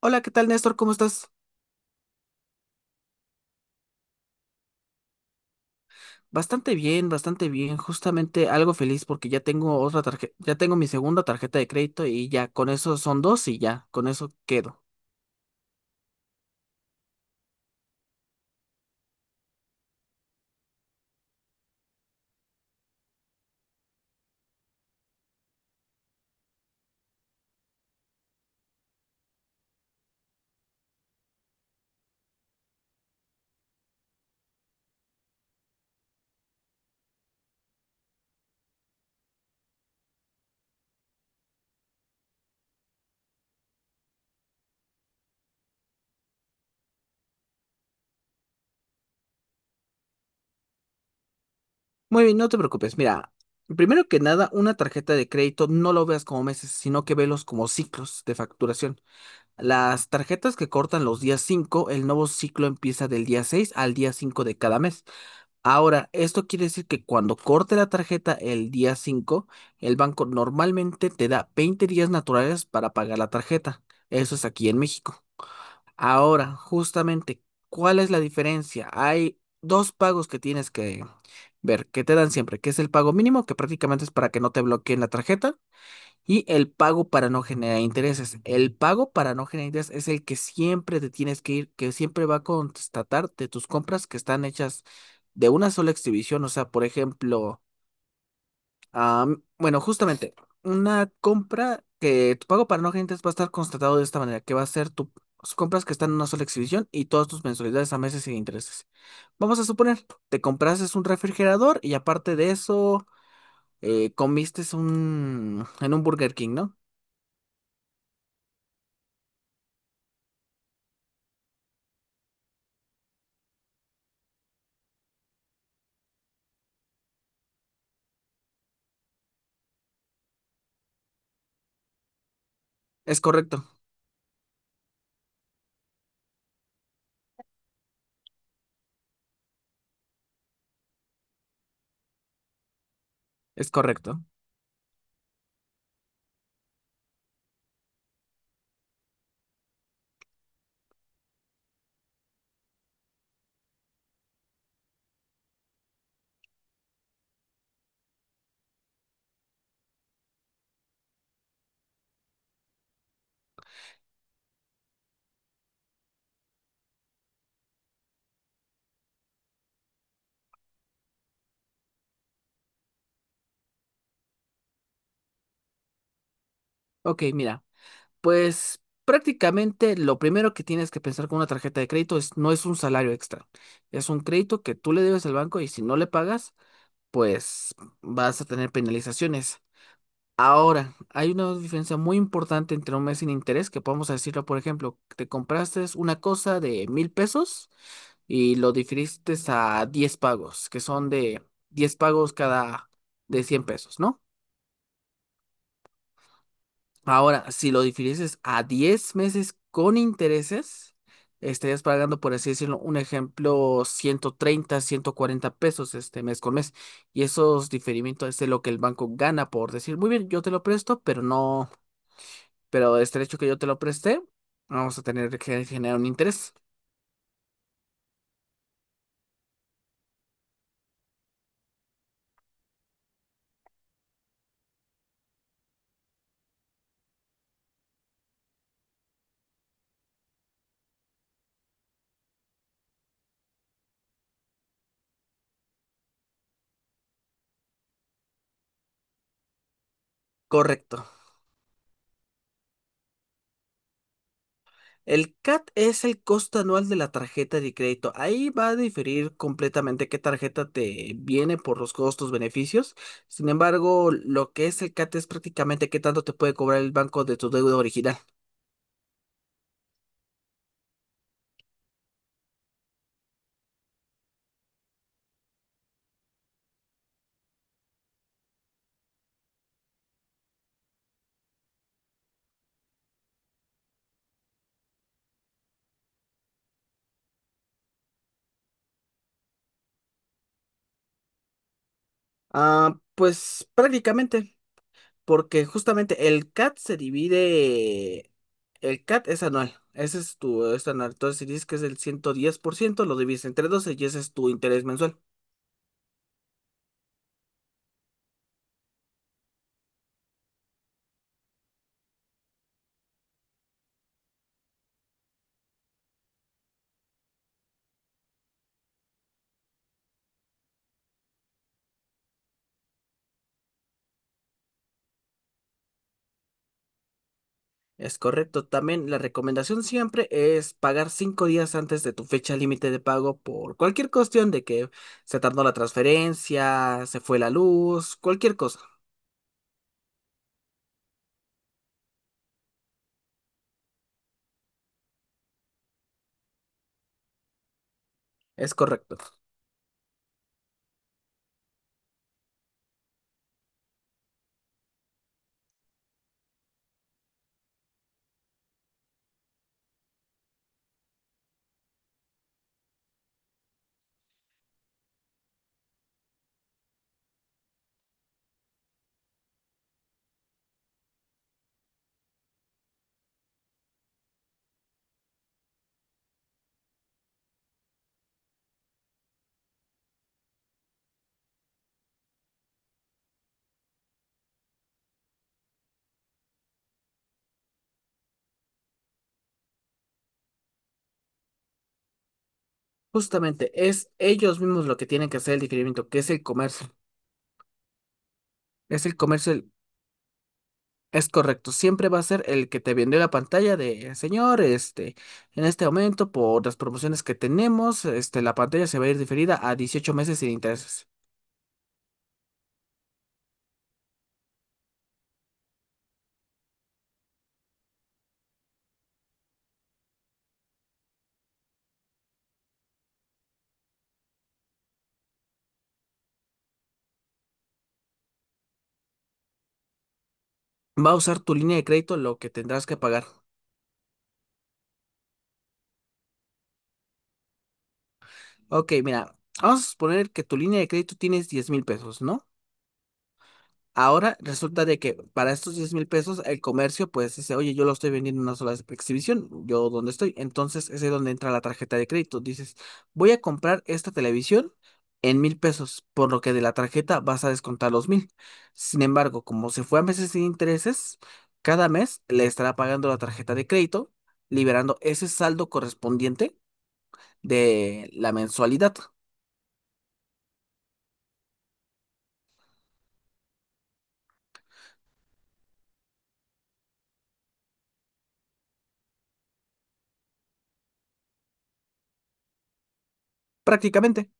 Hola, ¿qué tal, Néstor? ¿Cómo estás? Bastante bien. Justamente algo feliz porque ya tengo otra tarjeta, ya tengo mi segunda tarjeta de crédito y ya con eso son dos y ya, con eso quedo. Muy bien, no te preocupes. Mira, primero que nada, una tarjeta de crédito no lo veas como meses, sino que velos como ciclos de facturación. Las tarjetas que cortan los días 5, el nuevo ciclo empieza del día 6 al día 5 de cada mes. Ahora, esto quiere decir que cuando corte la tarjeta el día 5, el banco normalmente te da 20 días naturales para pagar la tarjeta. Eso es aquí en México. Ahora, justamente, ¿cuál es la diferencia? Hay dos pagos que tienes que ver, que te dan siempre, que es el pago mínimo, que prácticamente es para que no te bloqueen la tarjeta, y el pago para no generar intereses. El pago para no generar intereses es el que siempre te tienes que ir, que siempre va a constatar de tus compras que están hechas de una sola exhibición. O sea, por ejemplo, justamente una compra que tu pago para no generar intereses va a estar constatado de esta manera, que va a ser tus compras que están en una sola exhibición y todas tus mensualidades a meses sin intereses. Vamos a suponer, te compraste un refrigerador y aparte de eso, comiste en un Burger King, ¿no? Es correcto. Es correcto. Ok, mira, pues prácticamente lo primero que tienes que pensar con una tarjeta de crédito es no es un salario extra, es un crédito que tú le debes al banco y si no le pagas, pues vas a tener penalizaciones. Ahora, hay una diferencia muy importante entre un mes sin interés, que podemos decirlo, por ejemplo, te compraste una cosa de mil pesos y lo difiriste a 10 pagos, que son de 10 pagos cada de 100 pesos, ¿no? Ahora, si lo difirieses a 10 meses con intereses, estarías pagando, por así decirlo, un ejemplo, ciento treinta, ciento cuarenta pesos este mes con mes. Y esos diferimientos es de lo que el banco gana por decir, muy bien, yo te lo presto, pero no, pero este hecho que yo te lo presté, vamos a tener que generar un interés. Correcto. El CAT es el costo anual de la tarjeta de crédito. Ahí va a diferir completamente qué tarjeta te viene por los costos, beneficios. Sin embargo, lo que es el CAT es prácticamente qué tanto te puede cobrar el banco de tu deuda original. Ah, pues prácticamente, porque justamente el CAT se divide, el CAT es anual, ese es tu es anual. Entonces, si dices que es el 110% lo divides entre 12 y ese es tu interés mensual. Es correcto. También la recomendación siempre es pagar cinco días antes de tu fecha límite de pago por cualquier cuestión de que se tardó la transferencia, se fue la luz, cualquier cosa. Es correcto. Justamente es ellos mismos lo que tienen que hacer el diferimiento, que es el comercio. Es el comercio, el- es correcto. Siempre va a ser el que te vendió la pantalla de, señor, este, en este momento, por las promociones que tenemos, este, la pantalla se va a ir diferida a 18 meses sin intereses. Va a usar tu línea de crédito lo que tendrás que pagar. Ok, mira, vamos a suponer que tu línea de crédito tienes 10 mil pesos, ¿no? Ahora resulta de que para estos 10 mil pesos el comercio pues dice, oye, yo lo estoy vendiendo en una sola exhibición, yo donde estoy. Entonces ese es ahí donde entra la tarjeta de crédito. Dices, voy a comprar esta televisión en mil pesos, por lo que de la tarjeta vas a descontar los mil. Sin embargo, como se fue a meses sin intereses, cada mes le estará pagando la tarjeta de crédito, liberando ese saldo correspondiente de la mensualidad, prácticamente.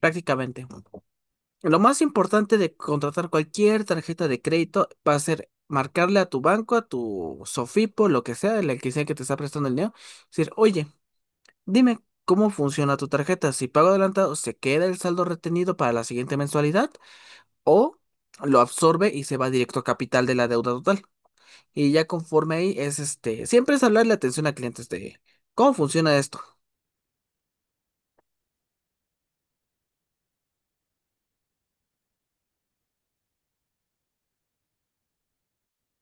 Prácticamente. Lo más importante de contratar cualquier tarjeta de crédito va a ser marcarle a tu banco, a tu Sofipo, lo que sea, el que sea que te está prestando el dinero, decir, oye, dime cómo funciona tu tarjeta. Si pago adelantado, ¿se queda el saldo retenido para la siguiente mensualidad? ¿O lo absorbe y se va directo a capital de la deuda total? Y ya conforme ahí es este, siempre es hablarle atención a clientes de cómo funciona esto.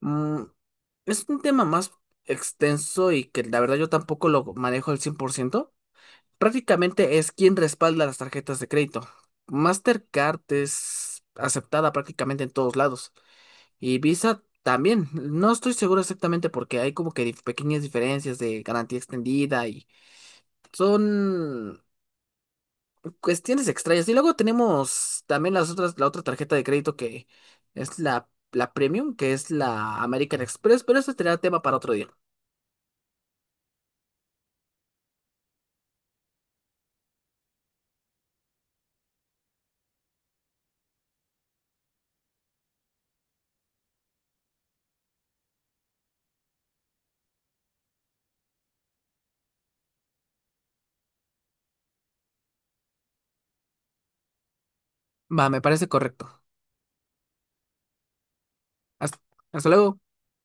Mm, Es un tema más extenso y que la verdad yo tampoco lo manejo al cien por ciento. Prácticamente es quien respalda las tarjetas de crédito. Mastercard es aceptada prácticamente en todos lados y Visa también. No estoy seguro exactamente porque hay como que dif- pequeñas diferencias de garantía extendida y son cuestiones extrañas. Y luego tenemos también las otras, la otra tarjeta de crédito que es la Premium, que es la American Express, pero ese será tema para otro día. Va, me parece correcto. Hasta, hasta luego.